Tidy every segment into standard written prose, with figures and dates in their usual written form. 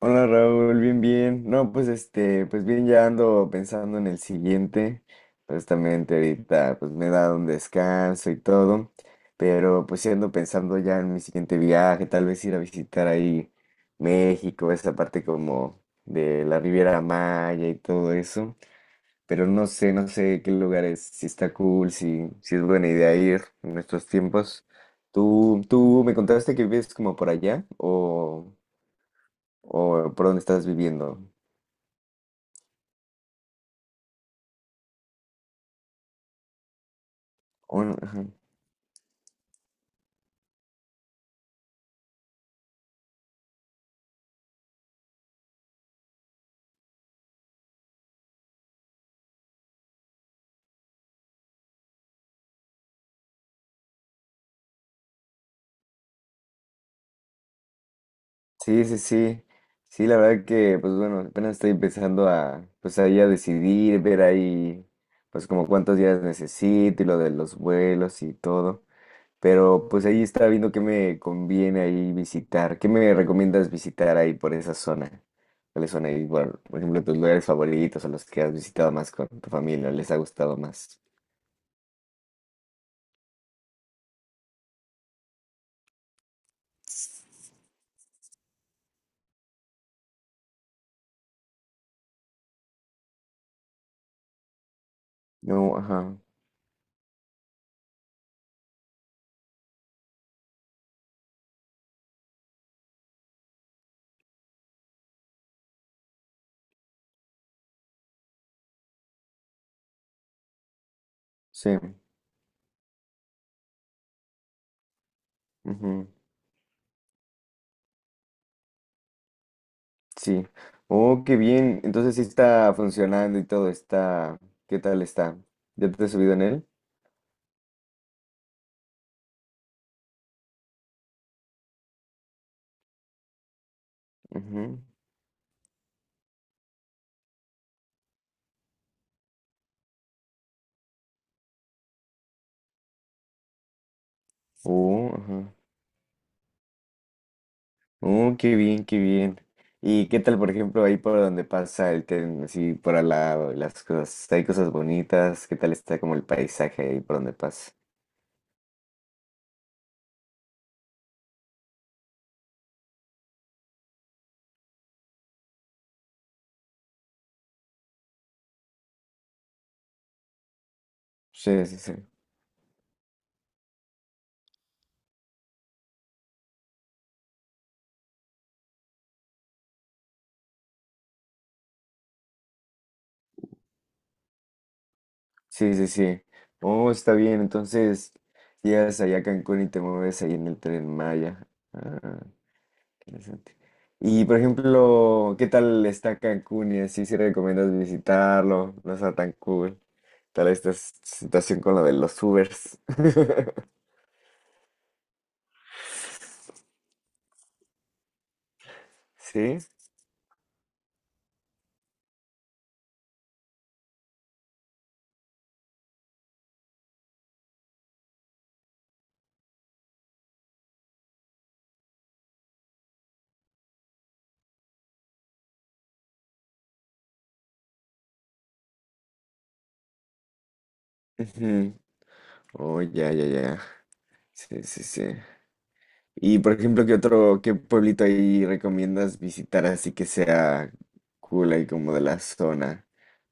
Hola Raúl, bien, bien. No, pues pues bien, ya ando pensando en el siguiente. Justamente ahorita pues me he dado un descanso y todo, pero pues sí ando pensando ya en mi siguiente viaje, tal vez ir a visitar ahí México, esa parte como de la Riviera Maya y todo eso, pero no sé, no sé qué lugares, si está cool, si, si es buena idea ir en estos tiempos. ¿Tú me contaste que vives como por allá o por dónde estás viviendo? O no, ajá. Sí, sí, sí. Sí, la verdad que, pues bueno, apenas estoy empezando a, pues ahí a decidir, ver ahí, pues como cuántos días necesito y lo de los vuelos y todo. Pero pues ahí estaba viendo qué me conviene ahí visitar. ¿Qué me recomiendas visitar ahí por esa zona? ¿Cuáles son ahí, por ejemplo, tus lugares favoritos o los que has visitado más con tu familia, les ha gustado más? No, ajá, sí. Sí. Oh, qué bien. Entonces sí está funcionando y todo está. ¿Qué tal está? ¿Ya te has subido en él? Ujú. Oh, ajá. Oh, qué bien, qué bien. ¿Y qué tal, por ejemplo, ahí por donde pasa el tren, así por al lado, y las cosas, hay cosas bonitas, qué tal está como el paisaje ahí por donde pasa? Sí, sí, sí. Sí, sí, sí. Oh, está bien. Entonces, llegas allá a Cancún y te mueves ahí en el tren Maya. Ah. Interesante. Y por ejemplo, ¿qué tal está Cancún y así si recomiendas visitarlo? No está tan cool. Tal esta situación con lo de los Ubers. ¿Sí? Ujú. Oh, ya, ya, ya. Sí, sí, sí. Y por ejemplo, ¿qué otro, qué pueblito ahí recomiendas visitar así que sea cool ahí como de la zona?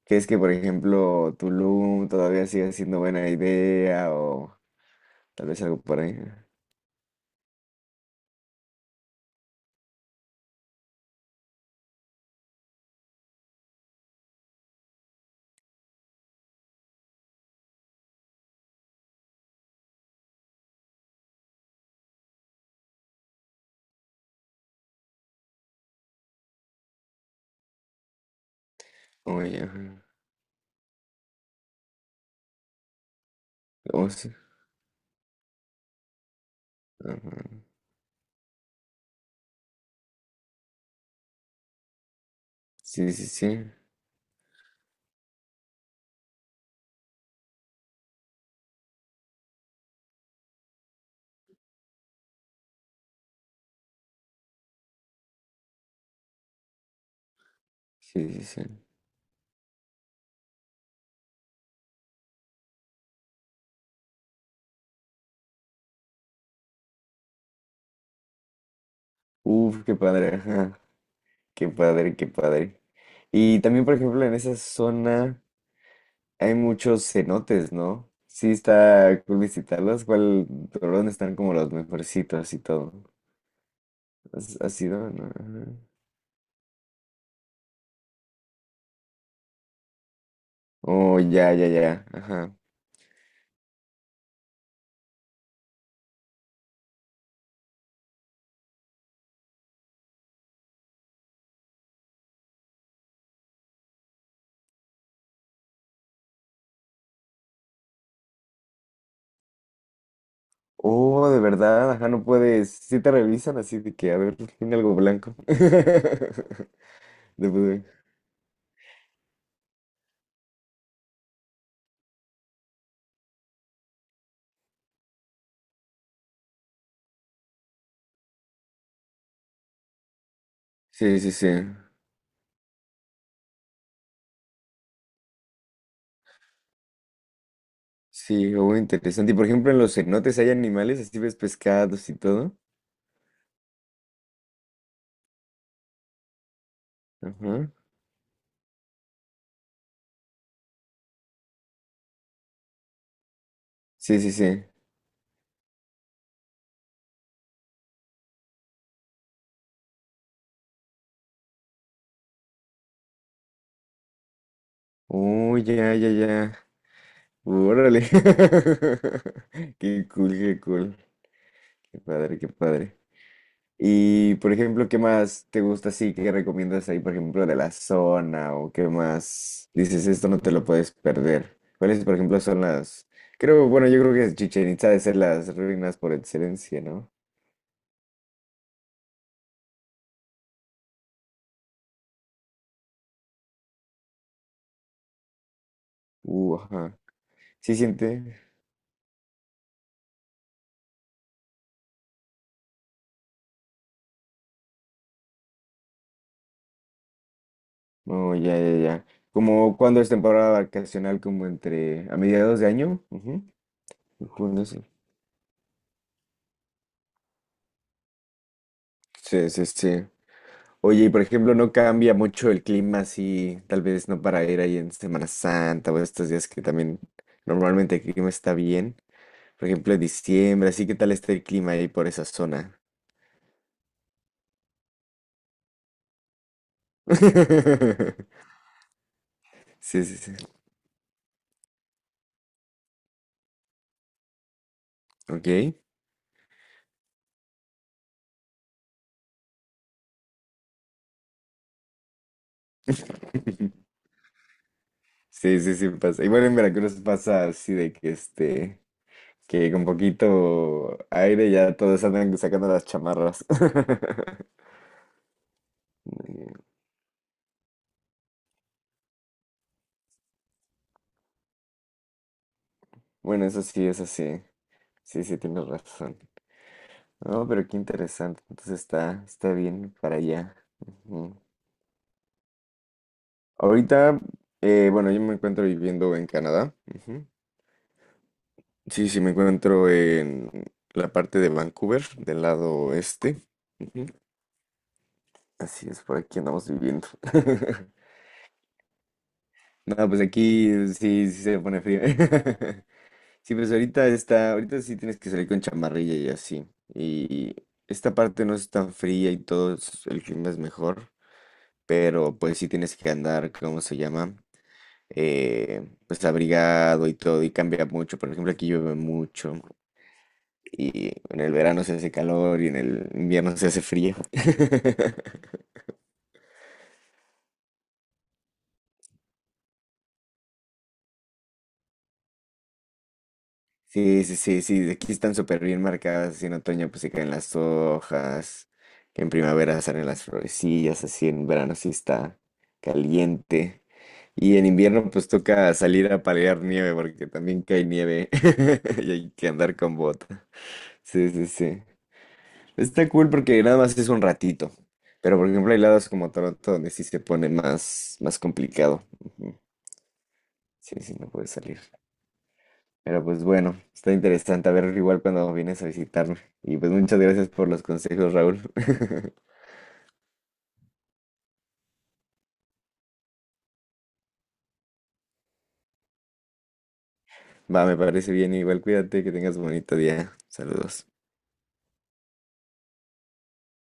¿Crees que por ejemplo Tulum todavía sigue siendo buena idea o tal vez algo por ahí? Oye. Ajá. Sí, sí, sí. Sí, sí, sí. Uf, qué padre, ajá. Qué padre, qué padre. Y también, por ejemplo, en esa zona hay muchos cenotes, ¿no? Sí, está cool visitarlos. ¿Cuál, por dónde están como los mejorcitos y todo? ¿Has ido? No, ajá. Oh, ya, ya, ya. Ajá. Oh, de verdad, ajá, no puedes. Sí te revisan así de que, a ver, tiene algo blanco. De poder. Sí, sí, sí. Sí, oh, interesante. Y por ejemplo, en los cenotes hay animales, así ves pescados y todo. Ajá. Sí, sí, sí. Oh, ya, ya, ya. Órale. Qué cool, qué cool. Qué padre, qué padre. Y por ejemplo, ¿qué más te gusta así? ¿Qué recomiendas ahí, por ejemplo, de la zona? ¿O qué más dices, esto no te lo puedes perder? ¿Cuáles, por ejemplo, son las... Creo, bueno, yo creo que Chichen Itza ha de ser las ruinas por excelencia, ¿no? Ajá. Sí siente. Oh, ya, ya, ya. Como cuando es temporada vacacional, como entre a mediados de año. Ujú. ¿Cuándo es? Sí, sí, sí. Oye, y por ejemplo, no cambia mucho el clima así, tal vez no para ir ahí en Semana Santa o estos días que también normalmente el clima está bien. Por ejemplo, en diciembre, así que tal está el clima ahí por esa zona. Sí, sí, sí. Ok. Sí, sí, sí pasa. Y bueno, en Veracruz pasa así de que este, que con poquito aire ya todos andan sacando las chamarras. Mm. Bueno, eso sí, eso sí. Sí, sí, tienes razón. No, pero qué interesante. Entonces está, está bien para allá. Ujú. Ahorita, bueno, yo me encuentro viviendo en Canadá. Ujú. Sí, sí, me encuentro en la parte de Vancouver, del lado este. Ujú. Así es, por aquí andamos viviendo. No, pues aquí sí, sí se pone frío. Sí, pues ahorita está, ahorita sí tienes que salir con chamarrilla y así. Y esta parte no es tan fría y todo, el clima es mejor, pero pues sí tienes que andar, ¿cómo se llama? Pues abrigado y todo, y cambia mucho. Por ejemplo, aquí llueve mucho y en el verano se hace calor y en el invierno se hace frío. Sí, sí, sí, sí, aquí están súper bien marcadas, así en otoño pues se caen las hojas, que en primavera salen las florecillas, así en verano sí está caliente. Y en invierno pues toca salir a palear nieve porque también cae nieve y hay que andar con bota. Sí, sí, sí. Está cool porque nada más es un ratito, pero por ejemplo hay lados como Toronto donde sí se pone más, más complicado. Ujú. Sí, sí, no puedes salir. Pero pues bueno, está interesante a ver igual cuando vienes a visitarme. Y pues muchas gracias por los consejos, Raúl. Va, me parece bien, igual cuídate, que tengas bonito día. Saludos.